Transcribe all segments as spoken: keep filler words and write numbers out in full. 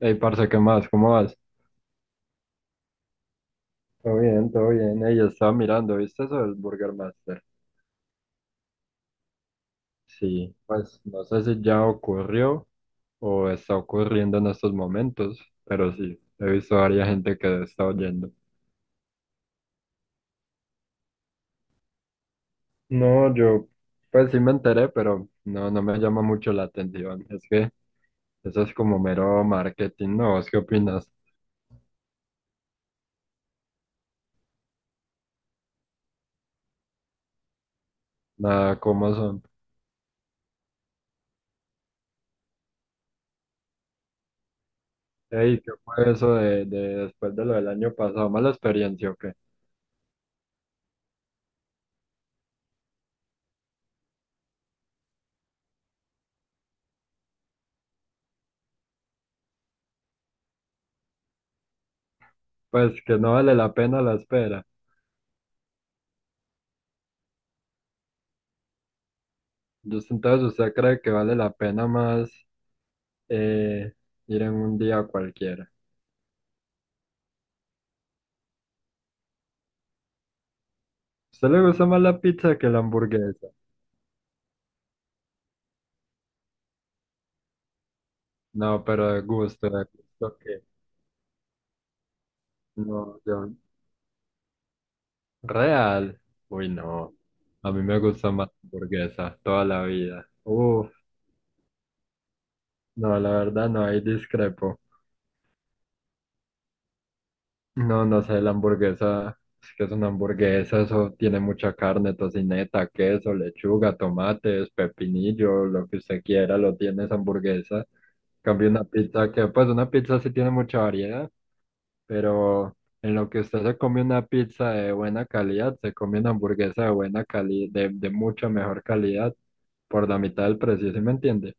Ey, parce, ¿qué más? ¿Cómo vas? Todo bien, todo bien. Ella estaba mirando, ¿viste eso del Burger Master? Sí, pues no sé si ya ocurrió o está ocurriendo en estos momentos, pero sí, he visto a varias gente que está oyendo. No, yo, pues sí me enteré, pero no, no me llama mucho la atención. Es que eso es como mero marketing, ¿no? ¿Vos qué opinas? Nada, ¿cómo son? Ey, ¿qué fue eso de, de después de lo del año pasado? ¿Mala experiencia o qué? Pues que no vale la pena la espera. Yo Entonces, entonces, ¿usted cree que vale la pena más eh, ir en un día cualquiera? ¿A ¿Usted le gusta más la pizza que la hamburguesa? No, pero de gusto, de gusto que no, yo, real. Uy, no. A mí me gusta más la hamburguesa toda la vida. Uf, no, la verdad no, ahí discrepo. No, no sé, la hamburguesa, es que es una hamburguesa, eso tiene mucha carne, tocineta, queso, lechuga, tomates, pepinillo, lo que usted quiera, lo tiene esa hamburguesa. Cambio una pizza que, pues una pizza sí tiene mucha variedad, pero en lo que usted se come una pizza de buena calidad, se come una hamburguesa de buena calidad, de, de mucha mejor calidad, por la mitad del precio, ¿sí me entiende?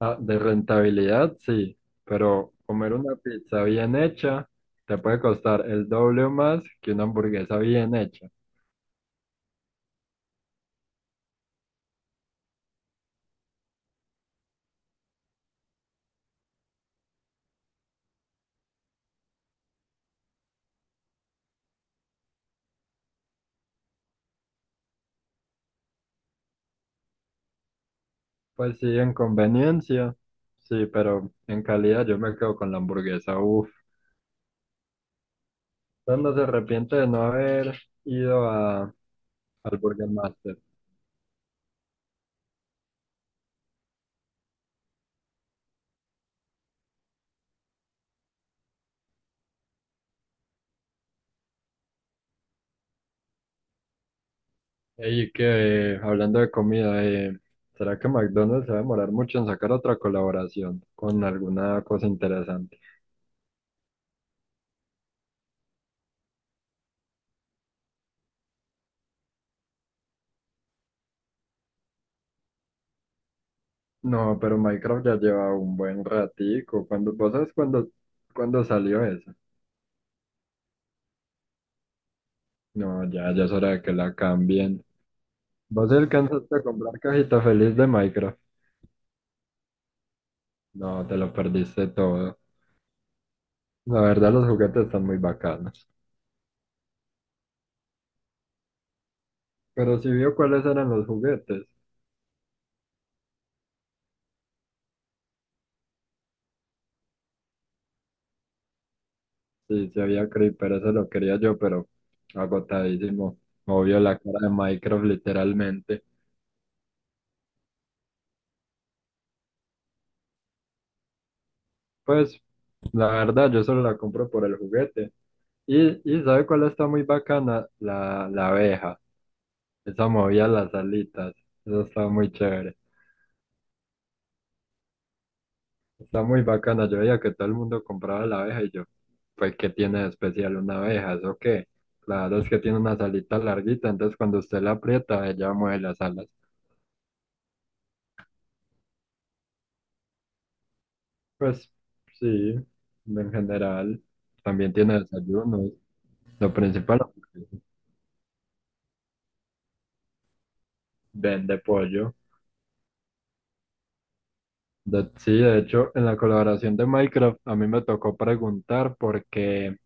Ah, de rentabilidad, sí, pero comer una pizza bien hecha te puede costar el doble o más que una hamburguesa bien hecha. Pues sí, en conveniencia, sí, pero en calidad yo me quedo con la hamburguesa. Uf, usted no se arrepiente de no haber ido a, al Burger Master. Y que, eh, hablando de comida, eh, ¿será que McDonald's se va a demorar mucho en sacar otra colaboración con alguna cosa interesante? No, pero Minecraft ya lleva un buen ratico. Cuando, ¿vos sabes cuándo, cuándo salió eso? No, ya, ya es hora de que la cambien. ¿Vos alcanzaste a comprar cajita feliz de Minecraft? No, te lo perdiste todo. La verdad, los juguetes están muy bacanos. Pero si vio cuáles eran los juguetes. Sí, sí había Creeper, eso lo quería yo, pero agotadísimo. Obvio la cara de Minecraft literalmente. Pues la verdad, yo solo la compro por el juguete. Y, y ¿sabe cuál está muy bacana? La, la abeja. Esa movía las alitas. Eso estaba muy chévere. Está muy bacana. Yo veía que todo el mundo compraba la abeja y yo, pues, ¿qué tiene de especial una abeja? ¿Eso qué? Claro, es que tiene unas alitas larguitas, entonces cuando usted la aprieta, ella mueve las alas. Pues sí, en general. También tiene desayunos. Lo principal, vende pollo. De- sí, de hecho, en la colaboración de Minecraft, a mí me tocó preguntar porque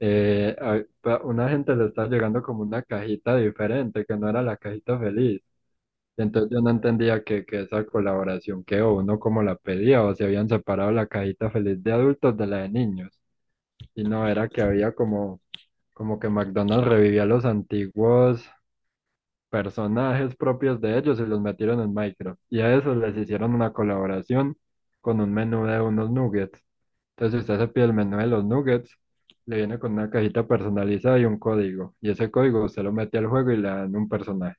Eh, a- pa- una gente le estaba llegando como una cajita diferente, que no era la cajita feliz. Entonces yo no entendía que, que esa colaboración que o uno como la pedía o si habían separado la cajita feliz de adultos de la de niños. Y no era que había como, como que McDonald's revivía los antiguos personajes propios de ellos y los metieron en Minecraft. Y a eso les hicieron una colaboración con un menú de unos nuggets. Entonces usted se pide el menú de los nuggets, le viene con una cajita personalizada y un código. Y ese código usted lo mete al juego y le dan un personaje.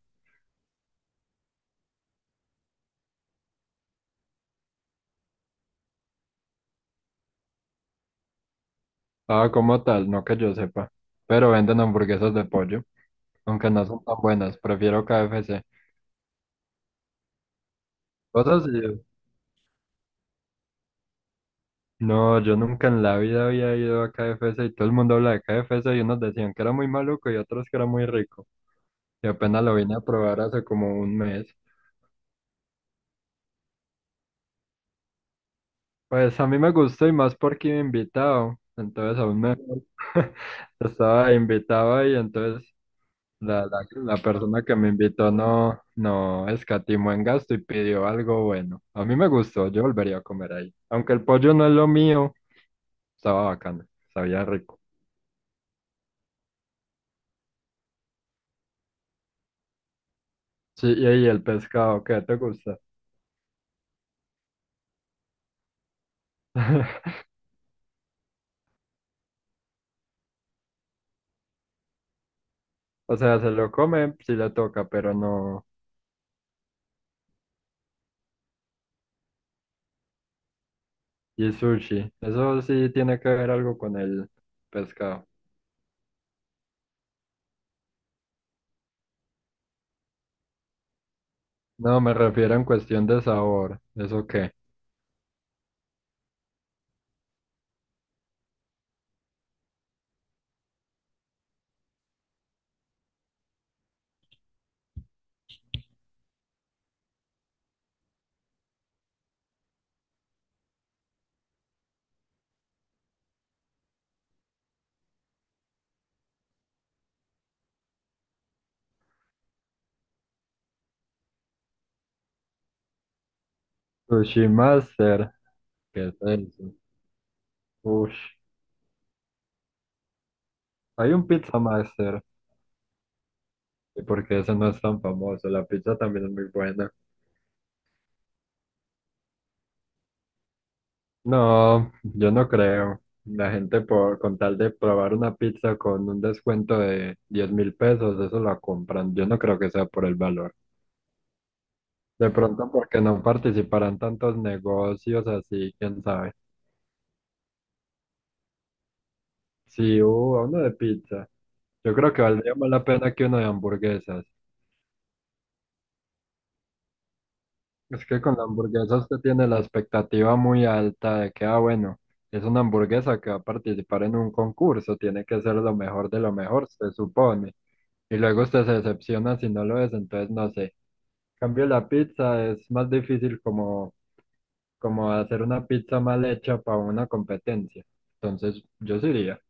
Ah, como tal, no que yo sepa. Pero venden hamburguesas de pollo, aunque no son tan buenas, prefiero K F C. Cosas así. No, yo nunca en la vida había ido a K F C y todo el mundo habla de K F C y unos decían que era muy maluco y otros que era muy rico. Y apenas lo vine a probar hace como un mes. Pues a mí me gustó y más porque iba invitado, entonces aún mejor. Estaba invitado y entonces la, la, la persona que me invitó no, no escatimó en gasto y pidió algo bueno. A mí me gustó, yo volvería a comer ahí. Aunque el pollo no es lo mío, estaba bacano, sabía rico. Sí, y ahí el pescado, ¿qué te gusta? O sea, se lo come si le toca, pero no. Y sushi, eso sí tiene que ver algo con el pescado. No, me refiero en cuestión de sabor. ¿Eso qué? Sushi Master. ¿Qué es eso? Ush. Hay un Pizza Master. ¿Y por qué ese no es tan famoso? La pizza también es muy buena. No, yo no creo. La gente por con tal de probar una pizza con un descuento de diez mil pesos, eso la compran. Yo no creo que sea por el valor. De pronto porque no participarán tantos negocios así, quién sabe. Sí, hubo uno de pizza. Yo creo que valdría más la pena que uno de hamburguesas. Es que con la hamburguesa usted tiene la expectativa muy alta de que, ah, bueno, es una hamburguesa que va a participar en un concurso, tiene que ser lo mejor de lo mejor, se supone. Y luego usted se decepciona si no lo es, entonces no sé. En cambio, la pizza es más difícil como, como, hacer una pizza mal hecha para una competencia. Entonces, yo sí iría.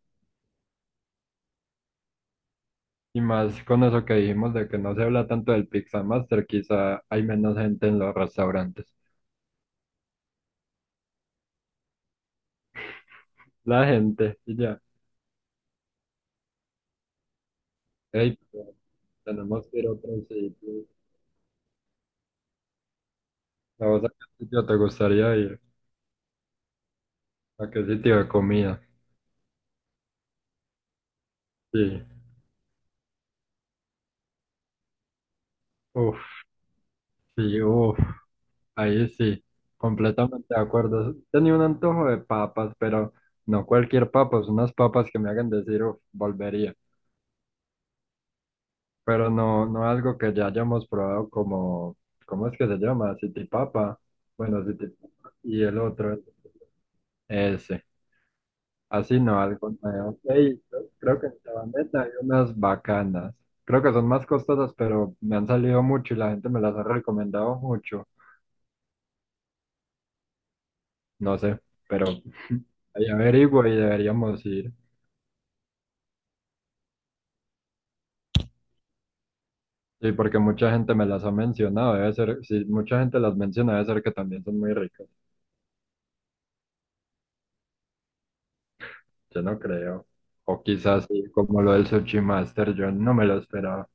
Y más con eso que dijimos de que no se habla tanto del Pizza Master, quizá hay menos gente en los restaurantes. La gente, y ya. Ey, tenemos que ir a otro sitio. ¿A vos a qué sitio te gustaría ir? ¿A qué sitio de comida? Sí. Uf, sí, uf. Ahí sí. Completamente de acuerdo. Tenía un antojo de papas, pero no cualquier papas, unas papas que me hagan decir, uf, volvería. Pero no, no algo que ya hayamos probado como, ¿cómo es que se llama? City Papa. Bueno, City Papa. Y el otro, ese. Así no, algo nuevo. Ey, yo creo que en Sabaneta hay unas bacanas. Creo que son más costosas, pero me han salido mucho y la gente me las ha recomendado mucho. No sé, pero ahí averiguo y deberíamos ir. Sí, porque mucha gente me las ha mencionado. Debe ser, si mucha gente las menciona, debe ser que también son muy ricas. Yo no creo. O quizás sí, como lo del Sushi Master, yo no me lo esperaba.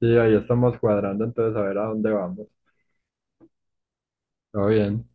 Sí, ahí estamos cuadrando, entonces a ver a dónde vamos. Todo bien.